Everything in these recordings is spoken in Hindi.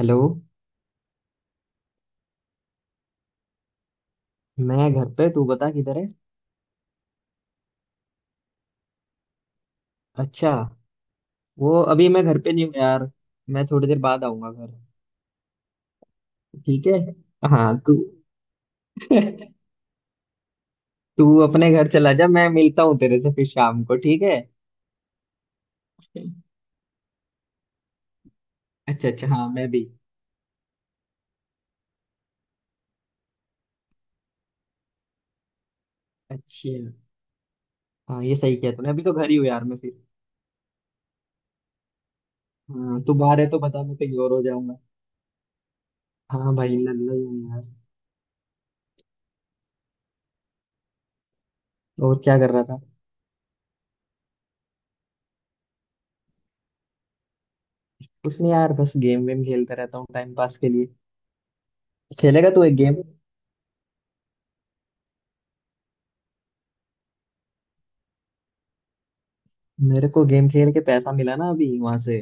हेलो। मैं घर पे, तू बता किधर है? अच्छा। वो अभी मैं घर पे नहीं हूँ यार। मैं थोड़ी देर बाद आऊंगा घर। ठीक है। हाँ, तू तू अपने घर चला जा, मैं मिलता हूँ तेरे से फिर शाम को, ठीक है। अच्छा अच्छा, हाँ मैं भी। अच्छा। हाँ ये सही किया तूने, अभी तो घर ही हूँ यार मैं फिर। हाँ, तू बाहर है तो बता, मैं कहीं और हो जाऊंगा। हाँ भाई, लल्ला ही हूँ यार। और क्या कर रहा था? कुछ नहीं यार, बस गेम वेम खेलता रहता हूँ टाइम पास के लिए। खेलेगा तू एक गेम? मेरे को गेम खेल के पैसा मिला ना अभी वहां से।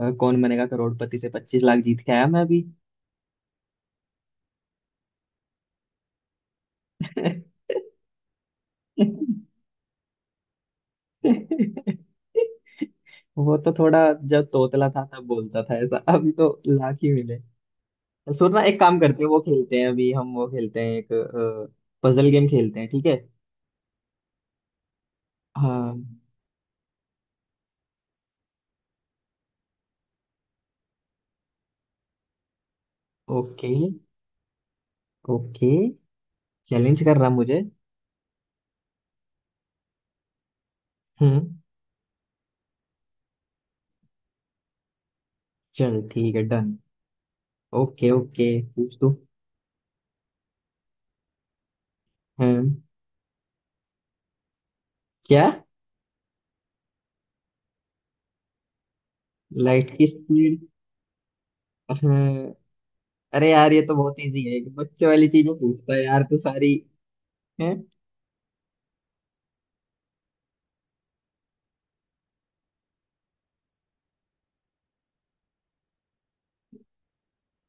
कौन बनेगा करोड़पति से 25 लाख जीत के आया मैं अभी। वो तो थोड़ा जब तोतला था तब बोलता था ऐसा, अभी तो लाख ही मिले। तो सुन ना, एक काम करते हैं, वो खेलते हैं अभी हम, वो खेलते हैं एक पजल गेम खेलते हैं, ठीक है। हाँ। Okay okay. चैलेंज कर रहा मुझे? हम्म, चल ठीक है, डन। Okay okay. पूछ तू। हाँ। क्या? लाइट की स्पीड? अरे यार ये तो बहुत इजी है, बच्चे वाली चीज में पूछता है यार तू सारी है।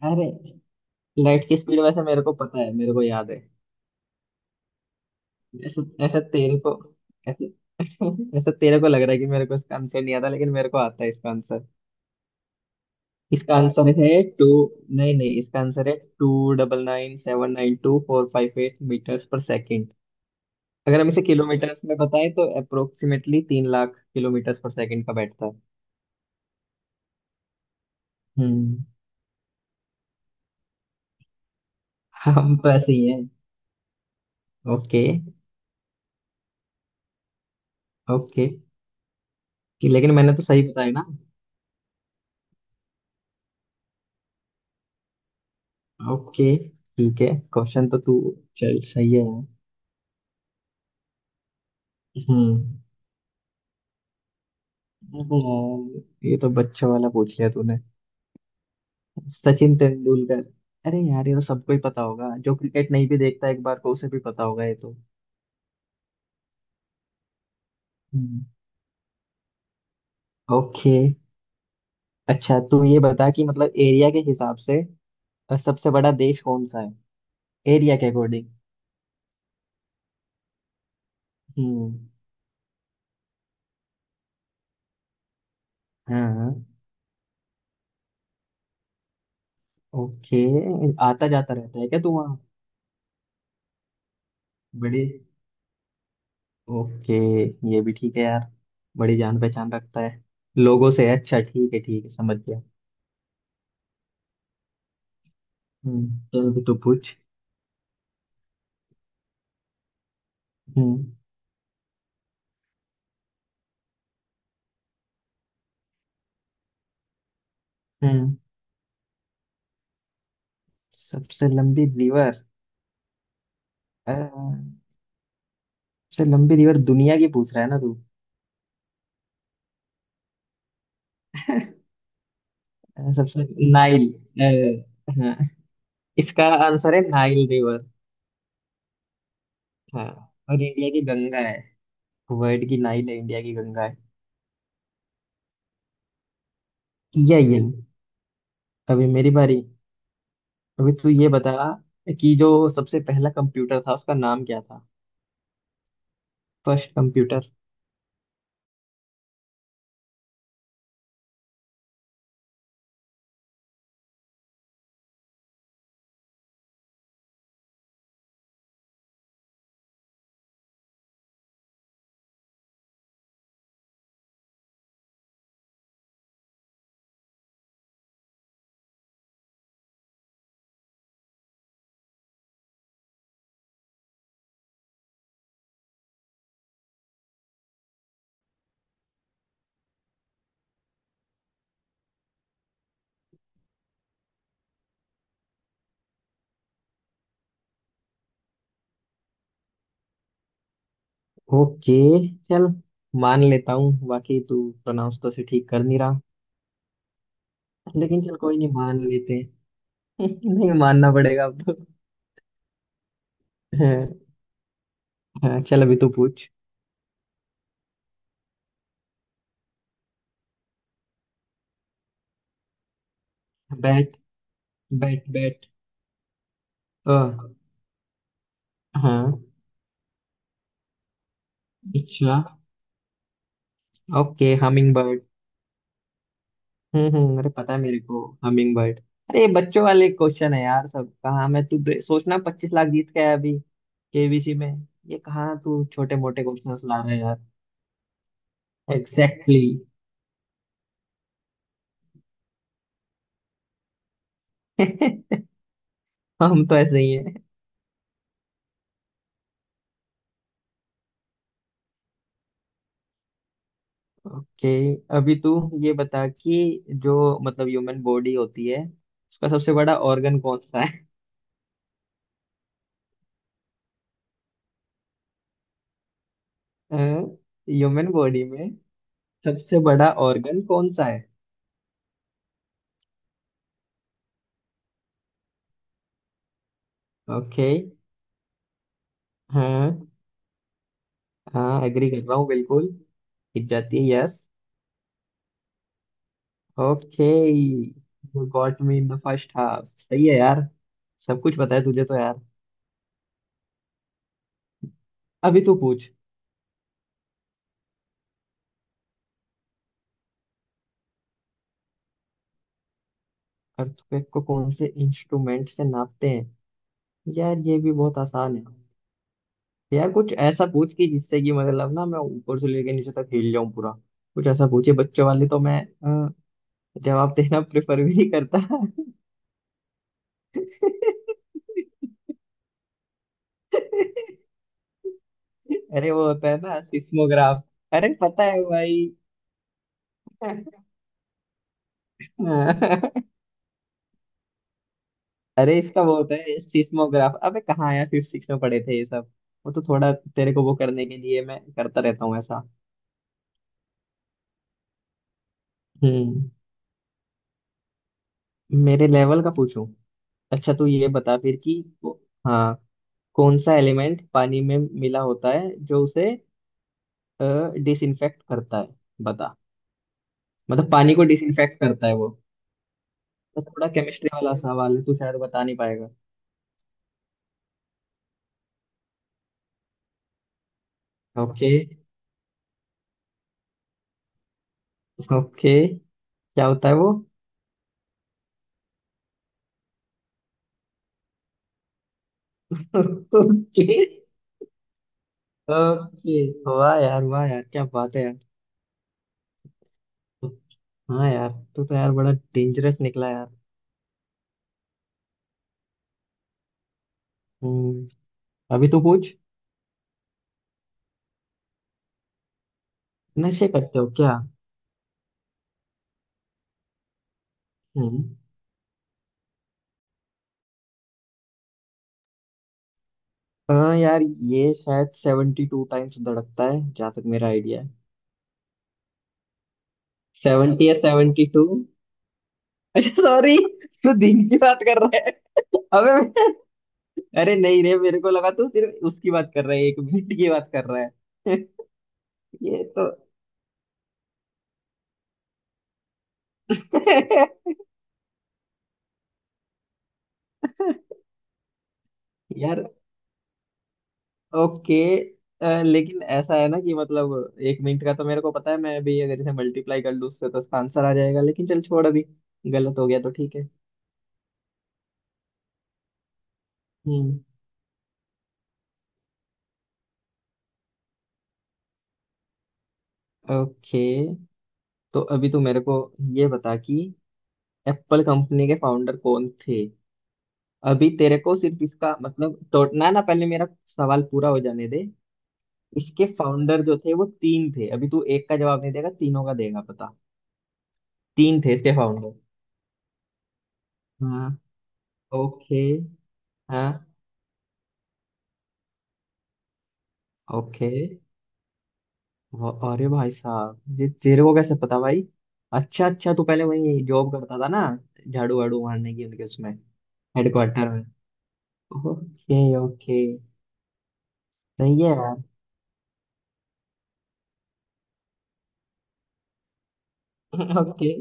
अरे लाइट की स्पीड वैसे मेरे को पता है, मेरे को याद है। ऐसा ऐसा तेरे को ऐसे। ऐसा तेरे को लग रहा है कि मेरे को इसका आंसर नहीं आता, लेकिन मेरे को आता है इसका आंसर। इसका आंसर है टू। नहीं नहीं, इसका आंसर है 299,792,458 मीटर्स पर सेकेंड। अगर हम इसे किलोमीटर्स में बताएं तो अप्रोक्सीमेटली 3 लाख किलोमीटर्स पर सेकेंड का बैठता है। हम्म। हम तो ऐसे ही है। Okay okay. कि लेकिन मैंने तो सही बताया ना? ओके, ठीक है। क्वेश्चन तो तू, चल सही है यार। हम्म। ये तो बच्चों वाला पूछ लिया तूने। सचिन तेंदुलकर। अरे यार ये तो सबको ही पता होगा, जो क्रिकेट नहीं भी देखता एक बार को उसे भी पता होगा ये तो। हम्म, ओके। अच्छा तू ये बता कि मतलब एरिया के हिसाब से सबसे बड़ा देश कौन सा है? एरिया के अकॉर्डिंग। हम्म, हाँ, ओके। आता जाता रहता है क्या तू वहाँ? बड़ी, ओके, ये भी ठीक है यार। बड़ी जान पहचान रखता है लोगों से है। अच्छा ठीक है ठीक है, समझ गया। हम्म, चल भी तो पूछ। हम्म हम्म। सबसे लंबी रिवर? अ, सबसे लंबी रिवर दुनिया की पूछ रहा है ना तू? अ, सबसे नाइल, हाँ। इसका आंसर है नाइल रिवर। हाँ, और इंडिया की गंगा है। वर्ल्ड की नाइल है, इंडिया की गंगा है। किया ये? अभी मेरी बारी। अभी तू ये बता कि जो सबसे पहला कंप्यूटर था उसका नाम क्या था? First computer. ओके, चल, मान लेता हूँ बाकी तू प्रोनाउंस तो से ठीक कर नहीं रहा, लेकिन चल कोई नहीं, मान लेते हैं। नहीं मानना पड़ेगा अब तो। हाँ। हाँ, चल, अभी तू पूछ। बैट बैट बैट अ हाँ, अच्छा। Okay, hummingbird. हम्म, अरे पता है मेरे को हमिंग बर्ड। अरे ये बच्चों वाले क्वेश्चन है यार, सब कहाँ मैं तू सोचना, 25 लाख जीत गया है अभी केबीसी में। ये कहाँ तू छोटे मोटे क्वेश्चन ला रहा है यार? Exactly, exactly. हम तो ऐसे ही। ओके। अभी तू ये बता कि जो मतलब ह्यूमन बॉडी होती है उसका सबसे बड़ा organ कौन सा है? ह्यूमन बॉडी में सबसे बड़ा organ कौन सा है? ओके। हाँ हाँ, एग्री कर रहा हूँ बिल्कुल। टिक जाती है, yes. Okay. You got me in the first half, सही है यार। सब कुछ पता है तुझे तो यार। अभी तू पूछ। अर्थक्वेक को कौन से इंस्ट्रूमेंट से नापते हैं? यार ये भी बहुत आसान है। यार कुछ ऐसा पूछ कि जिससे कि मतलब ना मैं ऊपर से लेके नीचे तक हिल जाऊं पूरा। कुछ ऐसा पूछिए बच्चे वाले, तो मैं अ, जवाब देना प्रेफर भी नहीं करता। अरे वो होता है ना, सिस्मोग्राफ। अरे पता है भाई। अरे इसका वो होता है सिस्मोग्राफ, अबे कहाँ आया, फिफ्थ सिक्स में पढ़े थे ये सब। वो तो थोड़ा तेरे को वो करने के लिए मैं करता रहता हूँ ऐसा। हम्म। मेरे लेवल का पूछूं? अच्छा तू ये बता फिर कि हाँ, कौन सा एलिमेंट पानी में मिला होता है जो उसे डिसइंफेक्ट करता है? बता। मतलब पानी को डिसइंफेक्ट करता है वो, तो थोड़ा केमिस्ट्री वाला सवाल है, तू शायद बता नहीं पाएगा। ओके ओके, क्या होता है वो? Okay okay. वाह यार, वाह यार, क्या बात है यार! हाँ यार, तू तो यार बड़ा डेंजरस निकला यार। हम्म। अभी तो पूछ। नशे करते हो क्या? हम्म। हाँ यार, ये शायद 72 टाइम्स धड़कता है, जहाँ तक मेरा आइडिया है। 70 या 72? अच्छा सॉरी, तू दिन की बात कर रहा। अबे मैं- अरे नहीं रे, मेरे को लगा तू सिर्फ उसकी बात कर रहा है, एक मिनट की बात कर रहा है। ये तो यार, ओके। लेकिन ऐसा है ना कि मतलब एक मिनट का तो मेरे को पता है, मैं भी अगर इसे मल्टीप्लाई कर लूँ उससे तो इसका आंसर आ जाएगा, लेकिन चल छोड़, अभी गलत हो गया तो ठीक है। हम्म, ओके। तो अभी तू मेरे को ये बता कि एप्पल कंपनी के फाउंडर कौन थे? अभी तेरे को सिर्फ इसका मतलब, तो ना ना, पहले मेरा सवाल पूरा हो जाने दे। इसके फाउंडर जो थे वो तीन थे, अभी तू एक का जवाब नहीं देगा, तीनों का देगा पता। तीन थे इसके फाउंडर। हाँ, ओके। हाँ, ओके। अरे भाई साहब, ये तेरे को कैसे पता भाई? अच्छा अच्छा, तू पहले वही जॉब करता था ना, झाड़ू वाड़ू मारने की उनके उसमें? हेडक्वार्टर में? ओके ओके, सही है यार। ओके,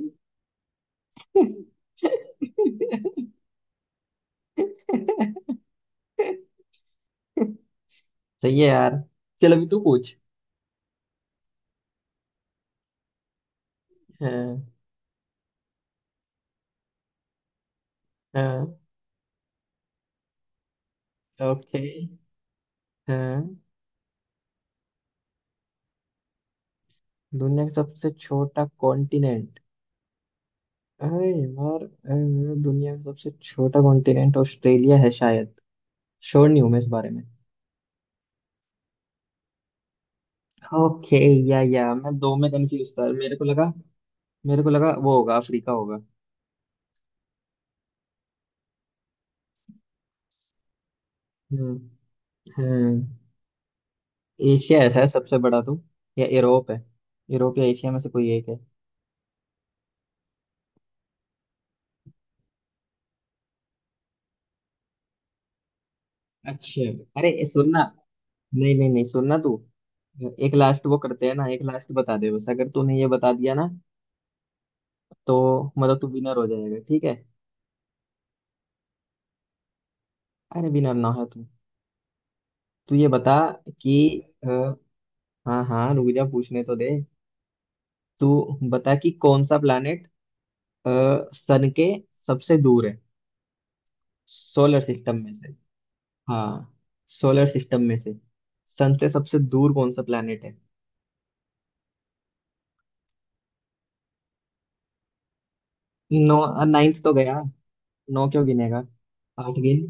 सही है यार, चल अभी तू पूछ। हाँ हाँ, ओके। हाँ, दुनिया का सबसे छोटा कॉन्टिनेंट? अरे यार, अरे, दुनिया का सबसे छोटा कॉन्टिनेंट ऑस्ट्रेलिया है शायद, श्योर नहीं हूँ मैं इस बारे में। ओके। या मैं दो में कंफ्यूज था, मेरे को लगा, मेरे को लगा वो होगा, अफ्रीका होगा। हम्म हम्म। एशिया ऐसा है सबसे बड़ा तो, या यूरोप है, यूरोप या एशिया में से कोई एक है। अच्छा। अरे ये सुनना, नहीं नहीं नहीं, सुनना तू, एक लास्ट वो करते हैं ना, एक लास्ट बता दे बस, अगर तूने ये बता दिया ना तो मतलब तू विनर हो जाएगा, ठीक है। अरे विनर ना हो तू, तू ये बता कि अ, हाँ हाँ रुक जा, पूछने तो दे। तू बता कि कौन सा प्लैनेट सन के सबसे दूर है? सोलर सिस्टम में से, हाँ, सोलर सिस्टम में से सन से सबसे दूर कौन सा प्लैनेट है? नौ? नाइन्थ तो गया, नौ क्यों गिनेगा? आठ गिन।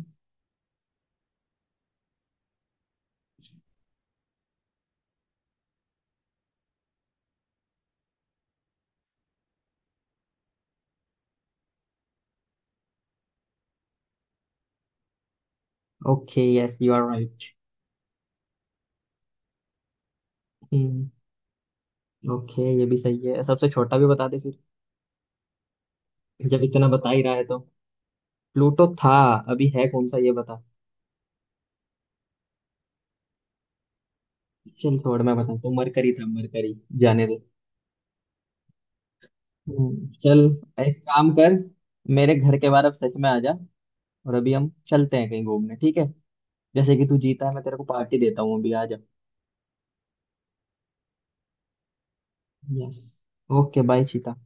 Okay, yes you are right. Hmm, okay, ये भी सही है, सबसे छोटा भी बता दे फिर, जब इतना बता ही रहा है तो। प्लूटो था, अभी है कौन सा ये बता? चल छोड़, मैं बताता हूँ, मरकरी था मरकरी, जाने दे। चल, एक काम कर, मेरे घर के बाहर अब सच में आ जा, और अभी हम चलते हैं कहीं घूमने, ठीक है। जैसे कि तू जीता है, मैं तेरे को पार्टी देता हूँ, अभी आ जा। यस। Okay, bye Sita.